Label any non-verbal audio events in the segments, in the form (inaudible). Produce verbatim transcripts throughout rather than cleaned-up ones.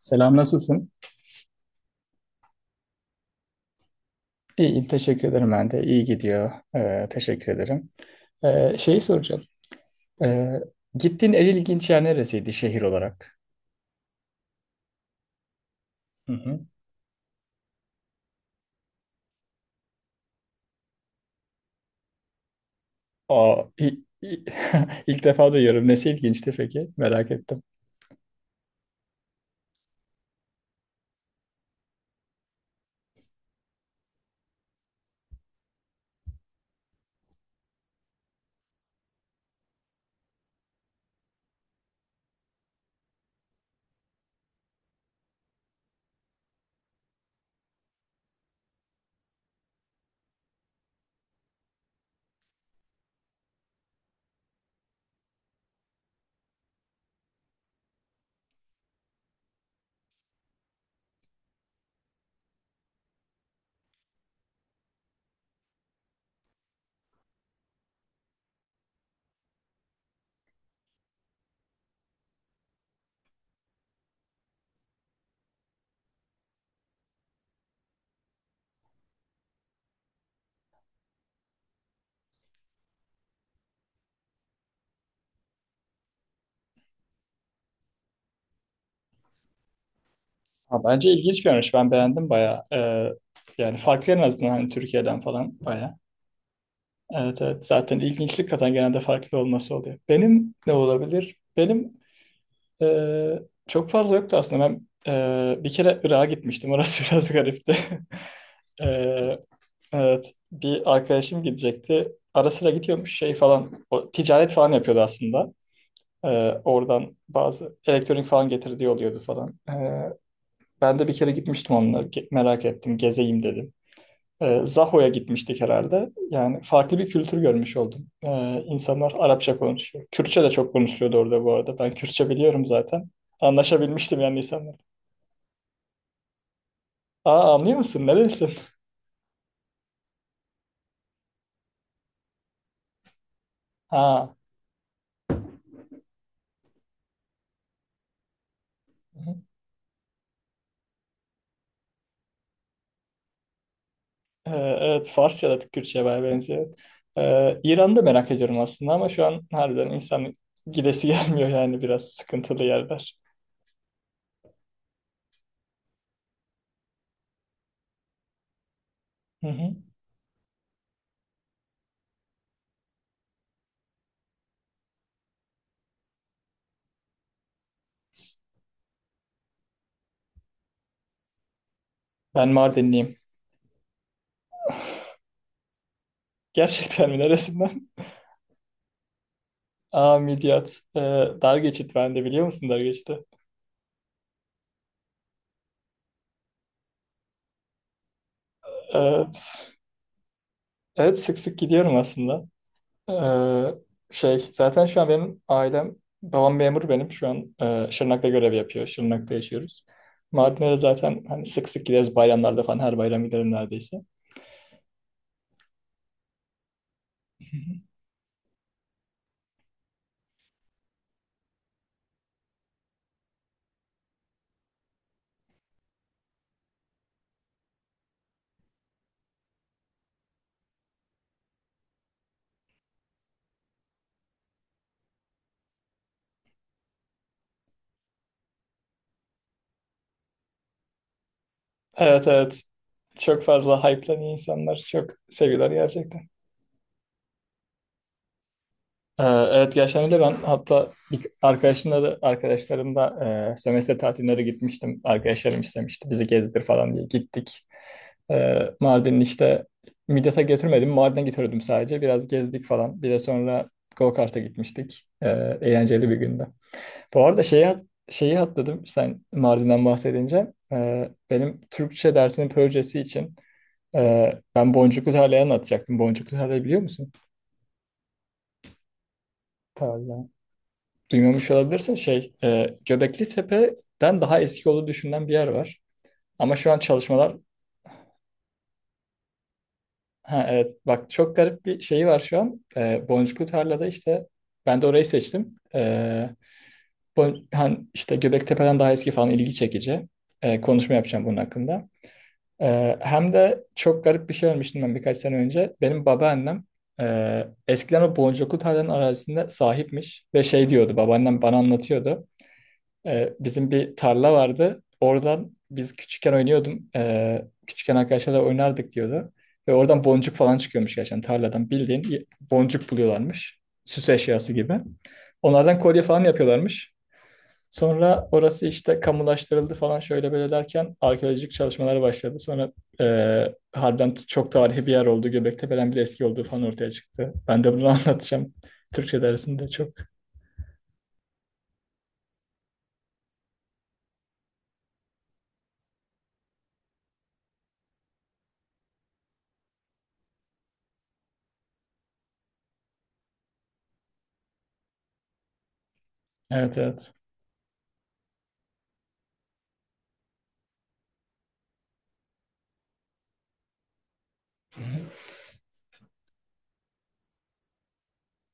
Selam, nasılsın? İyiyim, teşekkür ederim ben de. İyi gidiyor. Ee, teşekkür ederim. Ee, şeyi soracağım. Ee, Gittiğin en ilginç yer neresiydi şehir olarak? Hı hı. Aa, i- i- (laughs) ilk defa duyuyorum. Nesi ilginçti peki? Merak ettim. Ha, bence ilginç bir yermiş. Ben beğendim bayağı. Ee, yani farklı en azından hani Türkiye'den falan bayağı. Evet evet. Zaten ilginçlik katan genelde farklı olması oluyor. Benim ne olabilir? Benim Ee, çok fazla yoktu aslında. Ben e, bir kere Irak'a gitmiştim. Orası (laughs) biraz garipti. (laughs) Ee, evet. Bir arkadaşım gidecekti. Ara sıra gidiyormuş şey falan. O, ticaret falan yapıyordu aslında. Ee, Oradan bazı elektronik falan getirdiği oluyordu falan. Ee, ben de bir kere gitmiştim onunla. Ge- Merak ettim. Gezeyim dedim. E, Zaho'ya gitmiştik herhalde. Yani farklı bir kültür görmüş oldum. E, insanlar Arapça konuşuyor. Kürtçe de çok konuşuyordu orada bu arada. Ben Kürtçe biliyorum zaten. Anlaşabilmiştim yani insanlar. Aa anlıyor musun? Nerelisin? Ha. E, evet Farsça da Kürtçe'ye bayağı benziyor. E, İran'da merak ediyorum aslında ama şu an harbiden insan gidesi (laughs) gelmiyor yani biraz sıkıntılı yerler. Hı hı. Ben Mardinliyim. Gerçekten mi? Neresinden? (laughs) Aa Midyat. E, dar geçit ben de biliyor musun dar geçiti? Evet sık sık gidiyorum aslında. Ee, Şey zaten şu an benim ailem babam memur benim şu an e, Şırnak'ta görev yapıyor. Şırnak'ta yaşıyoruz. Mardin'e de zaten hani sık sık gideriz bayramlarda falan her bayram giderim neredeyse. (laughs) Evet evet, çok fazla hype'lanıyor, insanlar çok seviyorlar gerçekten. Ee, evet gerçekten öyle, ben hatta bir arkadaşımla da arkadaşlarımla e, sömestr tatilleri gitmiştim. Arkadaşlarım istemişti bizi gezdir falan diye gittik. Ee, Mardin'in işte Midyat'a götürmedim. Mardin'e getirdim sadece. Biraz gezdik falan. Bir de sonra go-kart'a gitmiştik. Ee, eğlenceli bir gündü. Bu arada şeyi, şeyi atladım sen Mardin'den bahsedince. Ee, benim Türkçe dersinin projesi için e, ben Boncuklu Tarla'yı anlatacaktım. Boncuklu Tarla'yı biliyor musun? Tarla. Duymamış olabilirsin. Şey, e, Göbekli Tepe'den daha eski olduğu düşünülen bir yer var. Ama şu an çalışmalar. Ha, evet bak çok garip bir şeyi var şu an. Ee, Boncuklu Tarla'da işte ben de orayı seçtim. Ee, bon, hani işte Göbektepe'den daha eski falan ilgi çekici. Ee, konuşma yapacağım bunun hakkında. Ee, hem de çok garip bir şey, ölmüştüm ben birkaç sene önce. Benim babaannem e, eskiden o Boncuklu Tarla'nın arazisinde sahipmiş ve şey diyordu, babaannem bana anlatıyordu. Ee, bizim bir tarla vardı. Oradan biz küçükken oynuyordum. Ee, küçükken arkadaşlarla oynardık diyordu. Ve oradan boncuk falan çıkıyormuş gerçekten tarladan. Bildiğin y- boncuk buluyorlarmış. Süs eşyası gibi. Onlardan kolye falan yapıyorlarmış. Sonra orası işte kamulaştırıldı falan şöyle böyle derken arkeolojik çalışmalar başladı. Sonra e, harbiden t- çok tarihi bir yer oldu. Göbeklitepe'den bile eski olduğu falan ortaya çıktı. Ben de bunu (laughs) anlatacağım. Türkçe dersinde çok. Evet evet.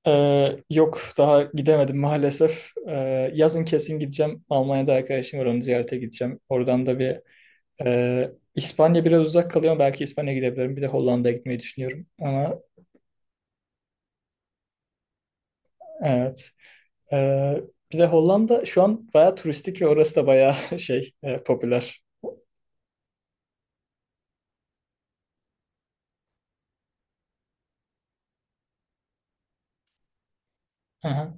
Ee, yok daha gidemedim maalesef. Ee, yazın kesin gideceğim. Almanya'da arkadaşım var, onu ziyarete gideceğim. Oradan da bir e, İspanya biraz uzak kalıyor ama belki İspanya'ya gidebilirim. Bir de Hollanda'ya gitmeyi düşünüyorum. Ama evet. Ee, Bir de Hollanda şu an bayağı turistik ve orası da bayağı (laughs) şey e, popüler. Hı hı.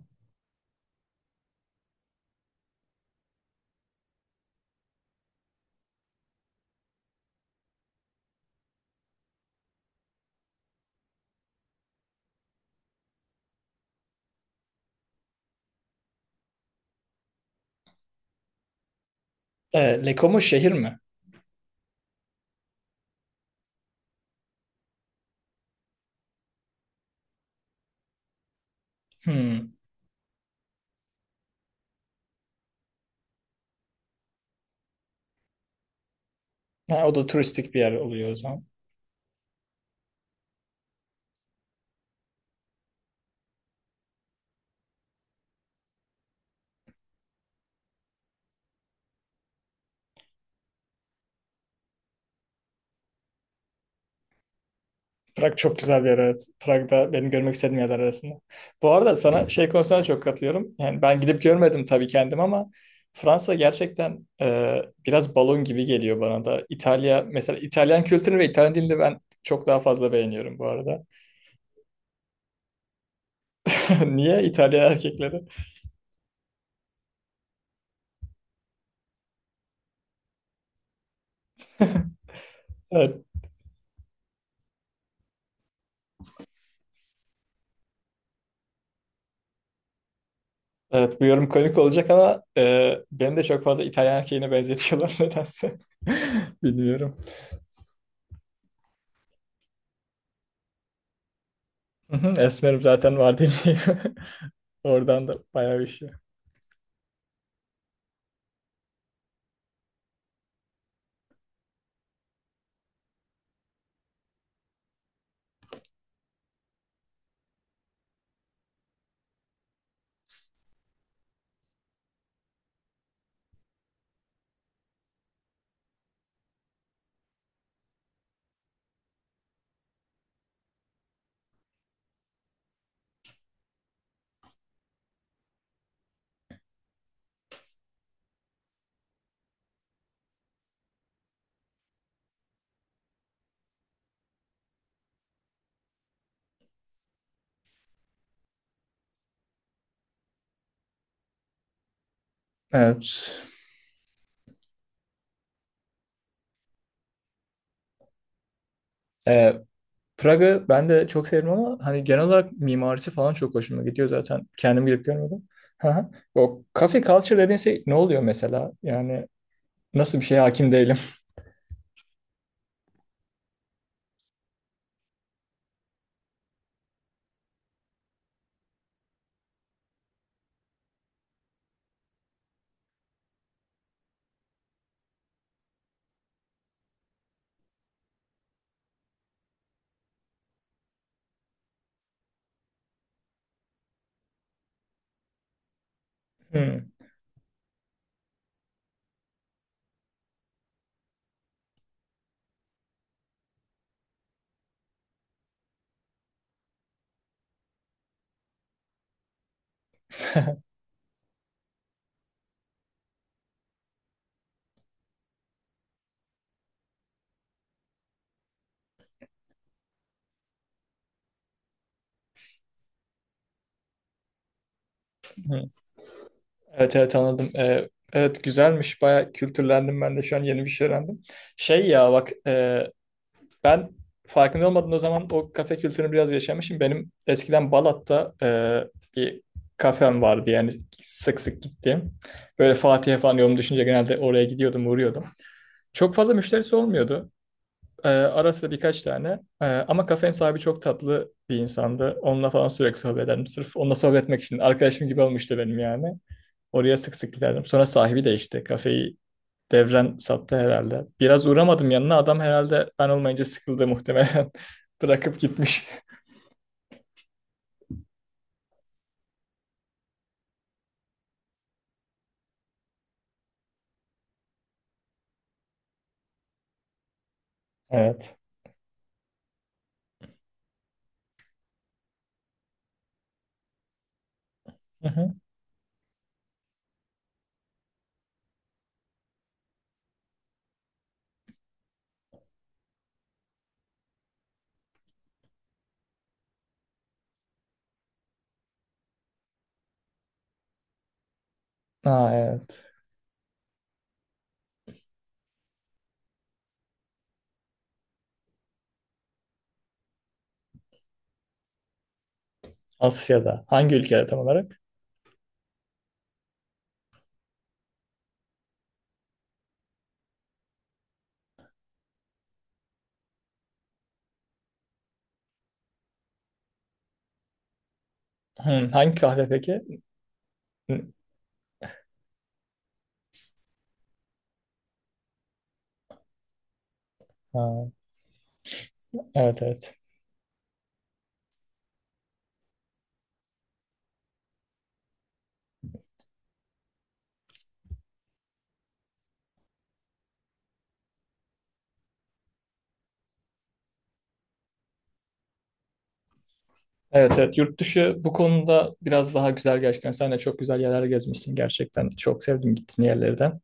Ee, Leko mu, şehir mi? Hmm. Ha, o da turistik bir yer oluyor o zaman. Prag çok güzel bir yer, evet. Prag'da benim görmek istediğim yerler arasında. Bu arada sana şey konusunda çok katılıyorum. Yani ben gidip görmedim tabii kendim ama Fransa gerçekten e, biraz balon gibi geliyor bana da. İtalya mesela, İtalyan kültürünü ve İtalyan dilini ben çok daha fazla beğeniyorum bu arada. (laughs) Niye? İtalyan erkekleri. Evet, evet bu yorum komik olacak ama e, beni de çok fazla İtalyan erkeğine benzetiyorlar (laughs) nedense. (laughs) Bilmiyorum. Hı hı, esmerim zaten var dediğim. (laughs) Oradan da bayağı üşüyor. Evet. Ee, Praga ben de çok severim ama hani genel olarak mimarisi falan çok hoşuma gidiyor zaten. Kendim gidip görmedim. Hı hı. O kafe culture dediğin şey ne oluyor mesela? Yani nasıl bir şeye hakim değilim. (laughs) Hmm. (laughs) Evet evet anladım. Ee, evet güzelmiş. Bayağı kültürlendim ben de şu an, yeni bir şey öğrendim. Şey ya bak e, ben farkında olmadan o zaman o kafe kültürünü biraz yaşamışım. Benim eskiden Balat'ta e, bir kafem vardı yani sık sık gittiğim. Böyle Fatih'e falan yolum düşünce genelde oraya gidiyordum, uğruyordum. Çok fazla müşterisi olmuyordu. E, ara sıra birkaç tane. E, ama kafenin sahibi çok tatlı bir insandı. Onunla falan sürekli sohbet ederdim. Sırf onunla sohbet etmek için. Arkadaşım gibi olmuştu benim yani. Oraya sık sık giderdim. Sonra sahibi değişti. Kafeyi devren sattı herhalde. Biraz uğramadım yanına. Adam herhalde ben olmayınca sıkıldı muhtemelen. (laughs) Bırakıp gitmiş. Evet. Hı hı. Ha, evet. Asya'da. Hangi ülkede tam olarak? Hı, hangi kahve peki? Hı. Ha, evet evet. Evet evet. Yurt dışı bu konuda biraz daha güzel gerçekten. Sen de çok güzel yerler gezmişsin gerçekten. Çok sevdim gittiğin yerlerden.